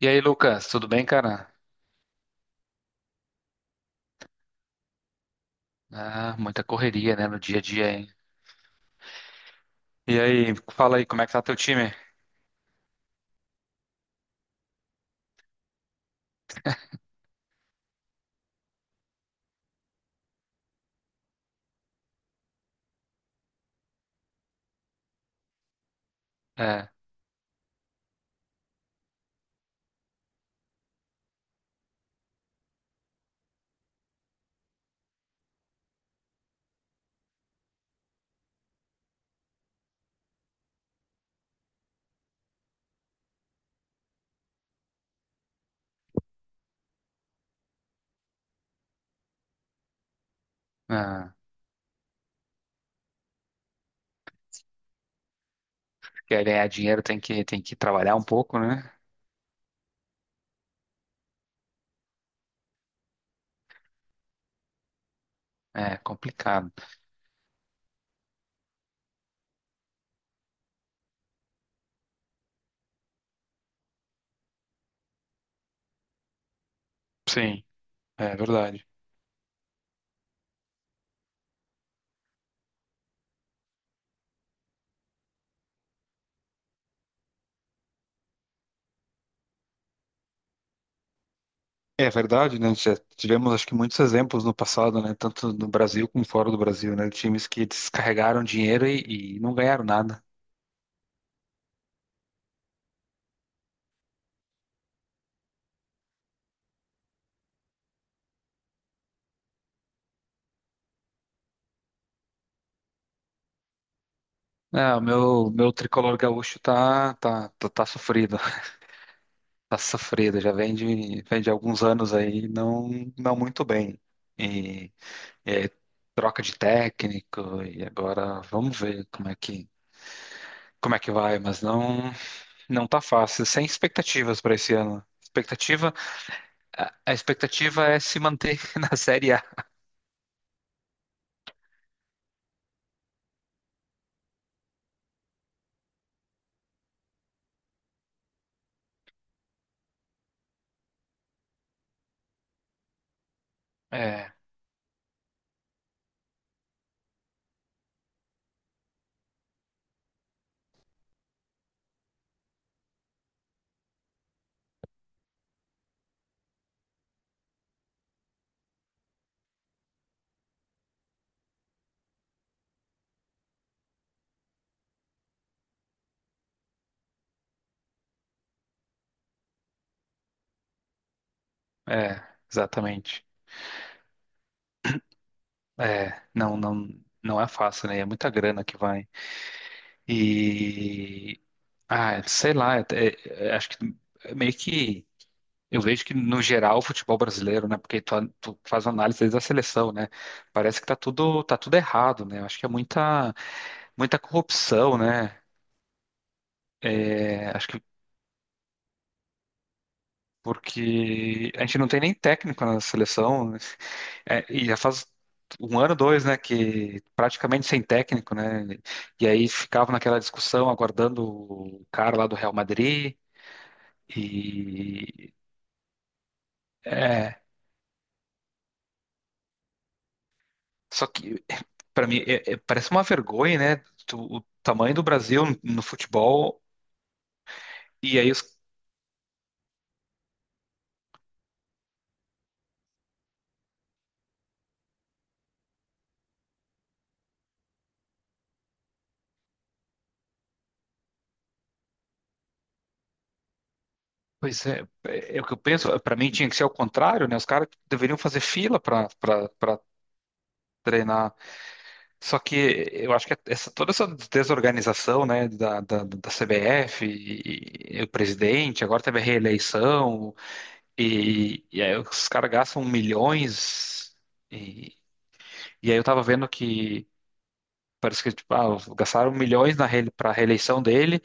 E aí, Lucas, tudo bem, cara? Ah, muita correria, né, no dia a dia, hein? E aí, fala aí, como é que tá teu time? É, ah, quer ganhar dinheiro tem que trabalhar um pouco, né? É complicado. Sim, é verdade. É verdade, né? Já tivemos, acho que, muitos exemplos no passado, né? Tanto no Brasil como fora do Brasil, né? Times que descarregaram dinheiro e não ganharam nada. É, o meu tricolor gaúcho tá sofrido, tá sofrido, já vem de alguns anos aí não muito bem. E, e aí, troca de técnico, e agora vamos ver como é que vai, mas não tá fácil, sem expectativas para esse ano. Expectativa, a expectativa é se manter na Série A. É, exatamente. É, não é fácil, né? É muita grana que vai. E, ah, sei lá, é- é- acho que meio que. Eu vejo que, no geral, o futebol brasileiro, né? Porque tu, tu faz uma análise desde a seleção, né? Parece que tá tudo errado, né? Eu acho que é muita corrupção, né? É, acho que porque a gente não tem nem técnico na seleção, né? É, e já faz um ano, dois, né? Que praticamente sem técnico, né? E aí ficava naquela discussão aguardando o cara lá do Real Madrid. E é. Só que para mim, parece uma vergonha, né? O tamanho do Brasil no futebol. E aí, os, pois é, é o que eu penso. Para mim, tinha que ser ao contrário, né? Os caras deveriam fazer fila para treinar. Só que eu acho que é essa, toda essa desorganização, né, da CBF, e o presidente, agora teve a reeleição, e aí os caras gastam milhões. E, e aí eu tava vendo que. Parece que tipo, ah, gastaram milhões na para a reeleição dele.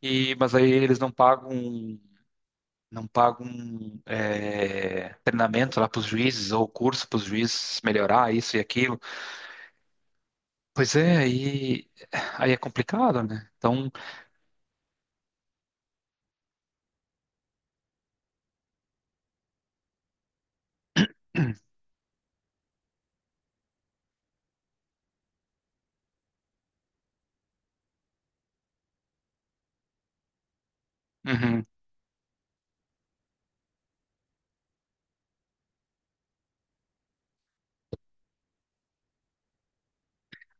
E, mas aí eles não pagam é, treinamento lá para os juízes ou curso para os juízes melhorar isso e aquilo. Pois é, aí é complicado, né? Então, uhum.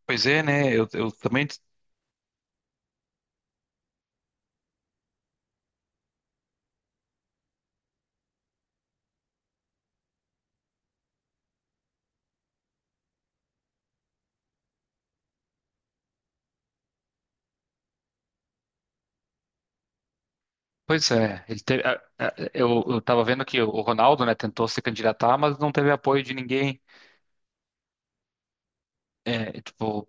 Pois é, né? Eu também. Pois é, ele teve, eu tava vendo que o Ronaldo, né, tentou se candidatar, mas não teve apoio de ninguém. É, tipo,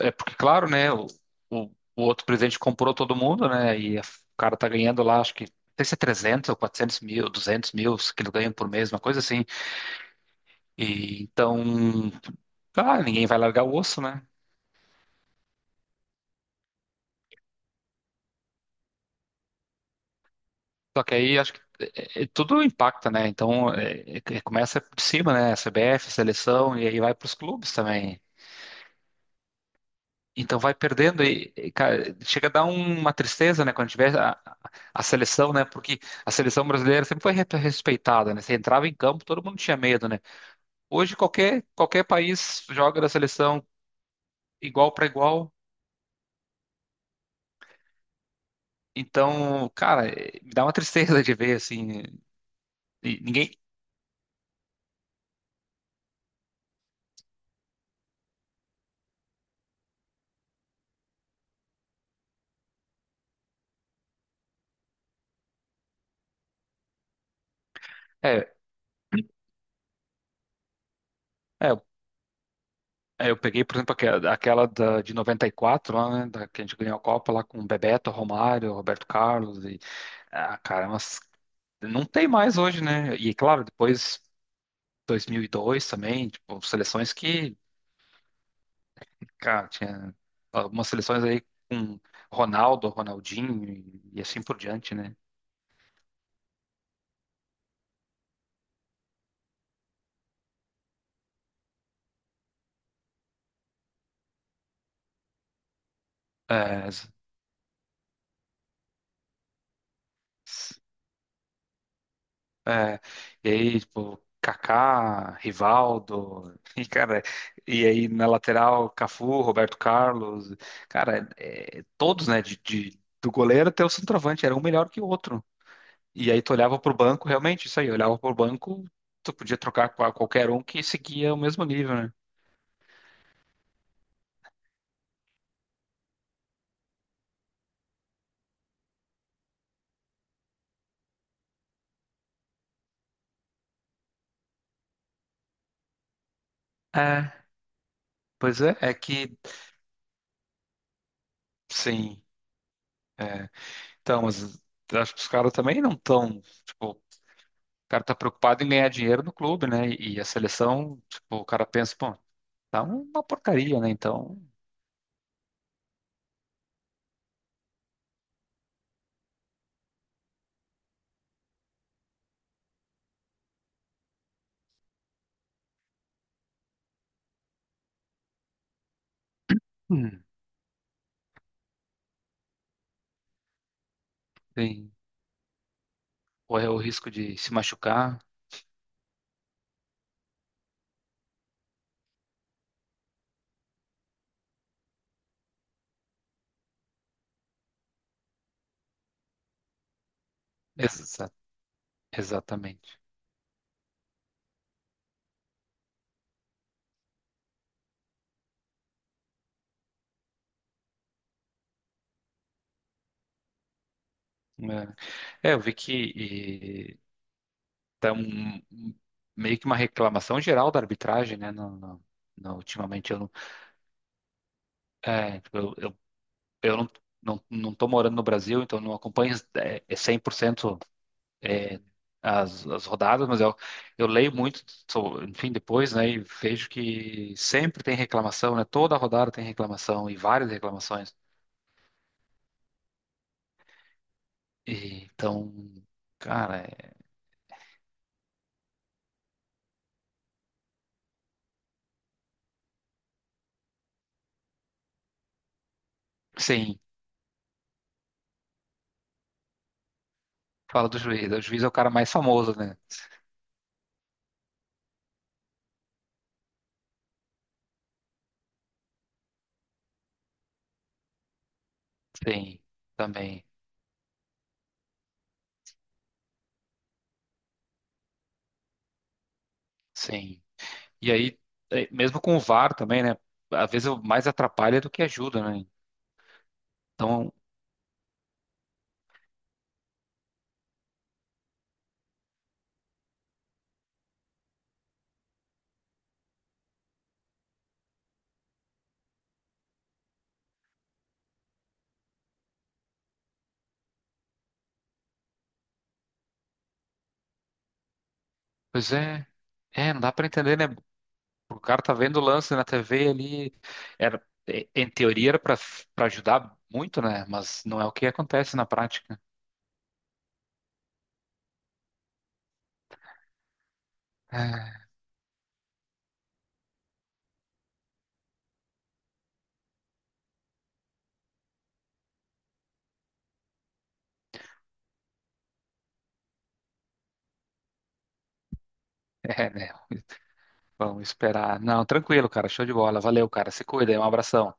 É porque, claro, né? O, o outro presidente comprou todo mundo, né? E o cara tá ganhando lá, acho que não sei se é 300 ou 400 mil, 200 mil que ele ganha por mês, uma coisa assim. E então, cara, ninguém vai largar o osso, né? Só que aí acho que é, tudo impacta, né? Então, é, começa por cima, né? CBF, seleção, e aí vai para os clubes também. Então vai perdendo cara, chega a dar uma tristeza, né, quando tiver a seleção, né, porque a seleção brasileira sempre foi respeitada, né, você entrava em campo, todo mundo tinha medo, né. Hoje qualquer país joga da seleção igual para igual, então, cara, me dá uma tristeza de ver assim, e ninguém, é, é, é, eu peguei, por exemplo, aquela da, de 94 lá, né, da, que a gente ganhou a Copa lá com Bebeto, Romário, Roberto Carlos cara, umas não tem mais hoje, né? E claro, depois 2002 também, tipo, seleções que, cara, tinha algumas seleções aí com Ronaldo, Ronaldinho e assim por diante, né? É, s- s- é, e aí, tipo, Kaká, Rivaldo, e cara, e aí na lateral, Cafu, Roberto Carlos, cara, é, todos, né, do goleiro até o centroavante, era um melhor que o outro. E aí tu olhava pro banco, realmente, isso aí, olhava pro banco, tu podia trocar com qualquer um que seguia o mesmo nível, né? Pois é, é que sim, é. Então, mas acho que os caras também não estão. Tipo, o cara tá preocupado em ganhar dinheiro no clube, né? E a seleção, tipo, o cara pensa, pô, tá uma porcaria, né? Então, hum, tem, corre o risco de se machucar. Exa- exatamente. É, É, eu vi tá meio que uma reclamação geral da arbitragem, né? Ultimamente, eu, não- é, tipo, eu eu não, não tô morando no Brasil, então não acompanho é, é 100% é, as rodadas, mas eu leio muito, enfim, depois, né, e vejo que sempre tem reclamação, né? Toda rodada tem reclamação e várias reclamações. E então, cara, sim, fala do juiz. O juiz é o cara mais famoso, né? Sim, também, sim. E aí, é, mesmo com o VAR também, né? Às vezes eu mais atrapalha do que ajuda, né? Então, pois é, não dá pra entender, né? O cara tá vendo o lance na TV ali. Era, em teoria era para ajudar muito, né? Mas não é o que acontece na prática. Ah, é, né? Vamos esperar. Não, tranquilo, cara. Show de bola. Valeu, cara. Se cuida, aí. Um abração.